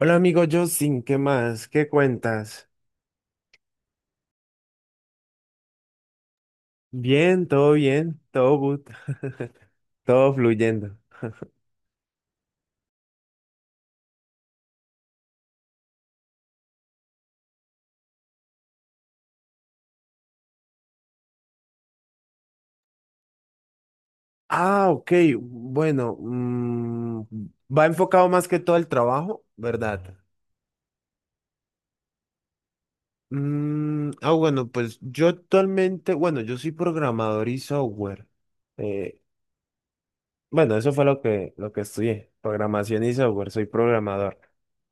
Hola amigo Justin, ¿qué más? ¿Qué cuentas? Bien, todo good, todo fluyendo. Ah, ok, bueno, va enfocado más que todo al trabajo, ¿verdad? Bueno, pues yo actualmente, bueno, yo soy programador y software. Eh, Bueno, eso fue lo que estudié, programación y software, soy programador.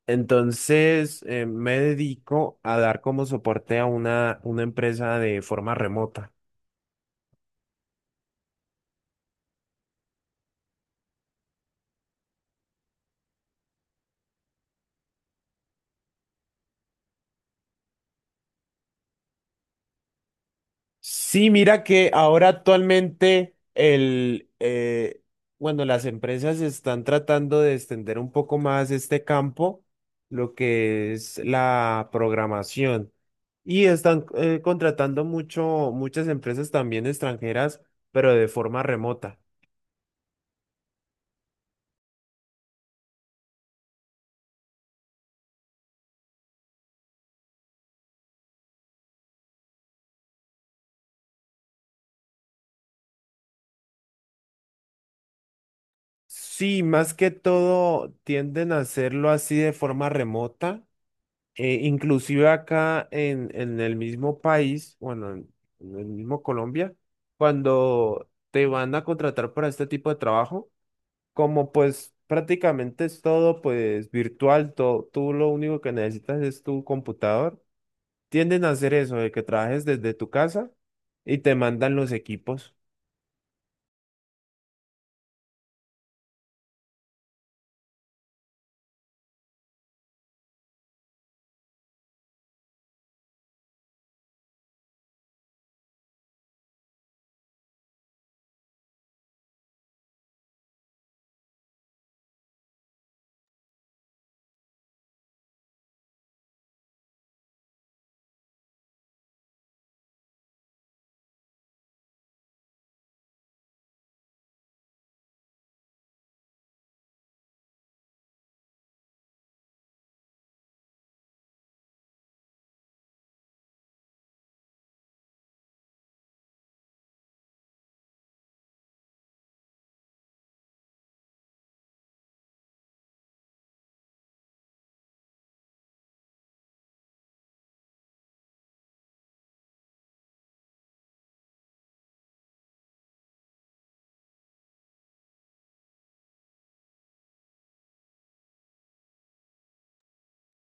Entonces, me dedico a dar como soporte a una empresa de forma remota. Sí, mira que ahora actualmente bueno, las empresas están tratando de extender un poco más este campo, lo que es la programación. Y están contratando mucho, muchas empresas también extranjeras, pero de forma remota. Sí, más que todo tienden a hacerlo así de forma remota. Inclusive acá en el mismo país, bueno, en el mismo Colombia, cuando te van a contratar para este tipo de trabajo, como pues prácticamente es todo pues virtual, tú lo único que necesitas es tu computador, tienden a hacer eso, de que trabajes desde tu casa y te mandan los equipos.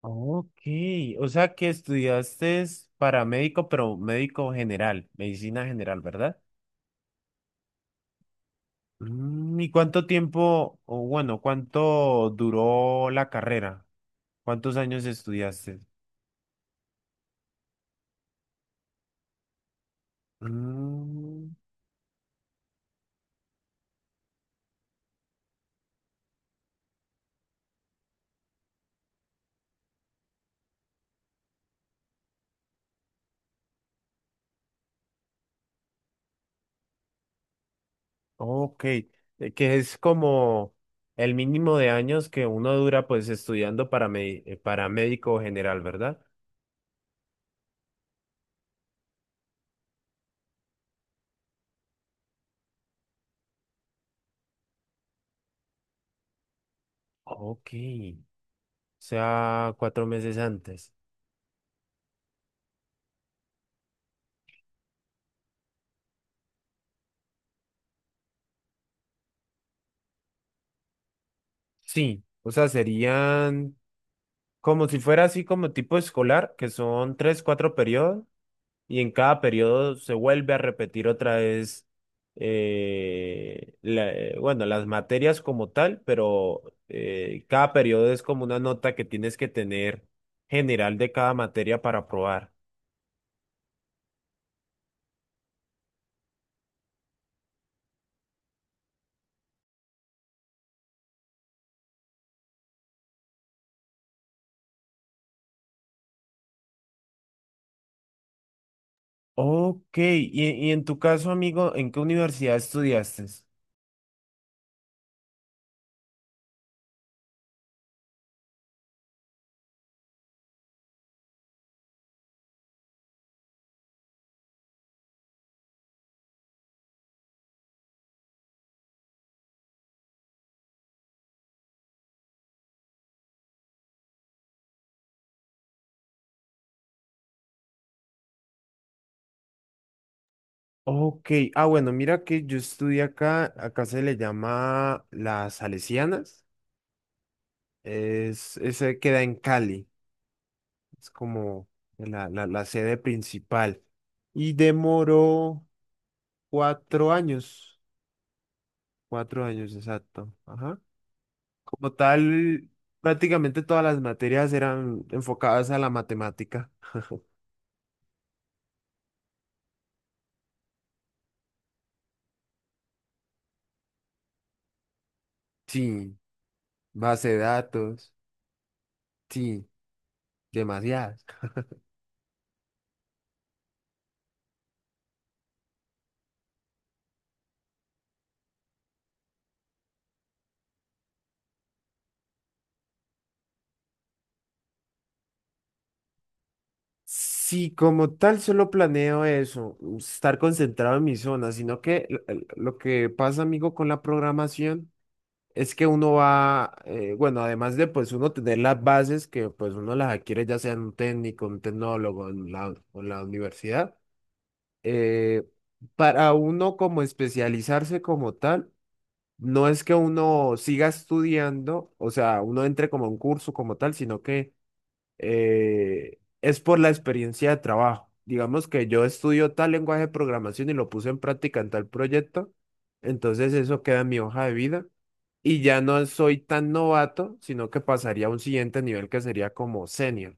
Ok, o sea que estudiaste es para médico, pero médico general, medicina general, ¿verdad? Mm, ¿y cuánto tiempo, o bueno, cuánto duró la carrera? ¿Cuántos años estudiaste? Mm, ok, que es como el mínimo de años que uno dura pues estudiando para, para médico general, ¿verdad? Ok, o sea, 4 meses antes. Sí, o sea, serían... Como si fuera así como tipo escolar, que son tres, cuatro periodos, y en cada periodo se vuelve a repetir otra vez, bueno, las materias como tal, pero cada periodo es como una nota que tienes que tener general de cada materia para aprobar. Ok, y en tu caso, amigo, ¿en qué universidad estudiaste? Ok, ah, bueno, mira que yo estudié acá se le llama las Salesianas. Es, ese queda en Cali, es como la sede principal. Y demoró 4 años, 4 años exacto. Ajá. Como tal, prácticamente todas las materias eran enfocadas a la matemática. Sí, base de datos, sí, demasiadas. Sí, como tal, solo planeo eso, estar concentrado en mi zona, sino que lo que pasa, amigo, con la programación. Es que uno va, bueno, además de pues uno tener las bases que pues uno las adquiere ya sea en un técnico, un tecnólogo, o en la universidad, eh, para uno como especializarse como tal, no es que uno siga estudiando, o sea, uno entre como a un curso como tal, sino que es por la experiencia de trabajo. Digamos que yo estudio tal lenguaje de programación y lo puse en práctica en tal proyecto, entonces eso queda en mi hoja de vida y ya no soy tan novato, sino que pasaría a un siguiente nivel que sería como senior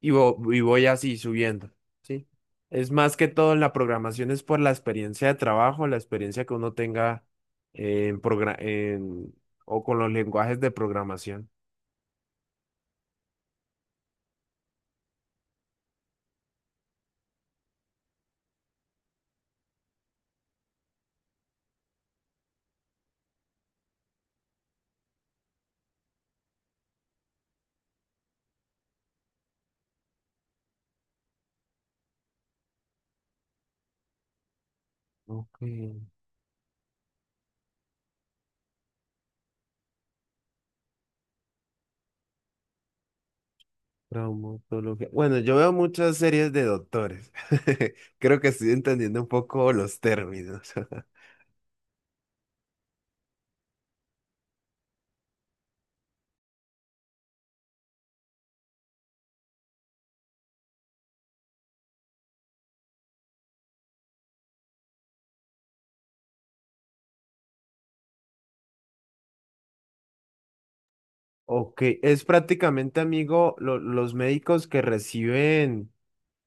y, y voy así subiendo, ¿sí? Es más que todo en la programación, es por la experiencia de trabajo, la experiencia que uno tenga en o con los lenguajes de programación. Ok. Traumatología. Bueno, yo veo muchas series de doctores. Creo que estoy entendiendo un poco los términos. Ok, es prácticamente, amigo, los médicos que reciben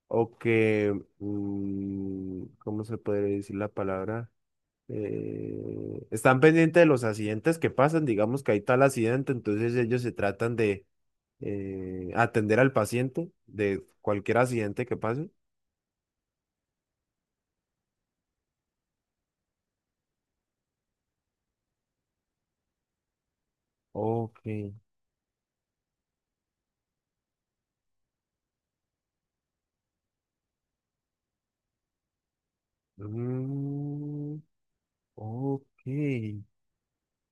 o que, ¿cómo se puede decir la palabra? Están pendientes de los accidentes que pasan, digamos que hay tal accidente, entonces ellos se tratan de atender al paciente de cualquier accidente que pase. Ok. Mm, ok.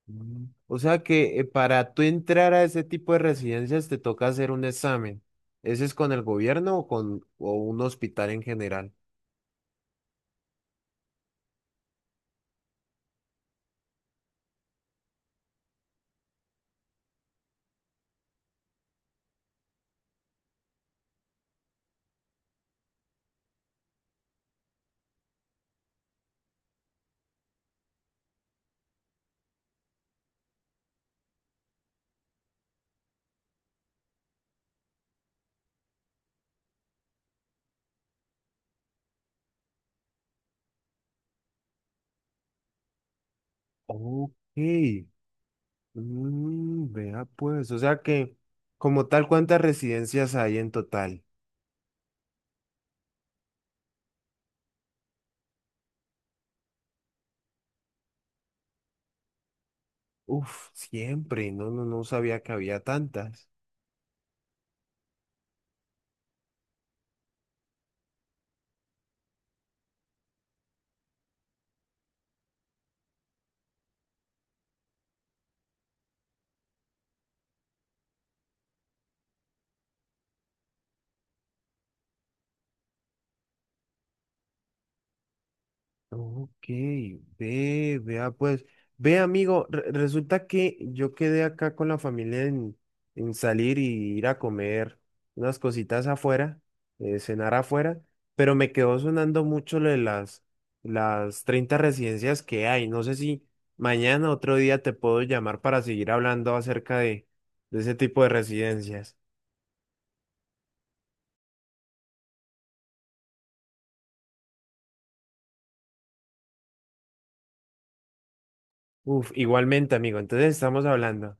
Mm. O sea que para tú entrar a ese tipo de residencias te toca hacer un examen. ¿Ese es con el gobierno o con o un hospital en general? Ok. Mm, vea pues, o sea que como tal, ¿cuántas residencias hay en total? Uf, siempre, no, no, no sabía que había tantas. Ok, vea pues, ve amigo, resulta que yo quedé acá con la familia en salir y ir a comer unas cositas afuera, cenar afuera, pero me quedó sonando mucho lo de las 30 residencias que hay. No sé si mañana otro día te puedo llamar para seguir hablando acerca de ese tipo de residencias. Uf, igualmente amigo, entonces estamos hablando.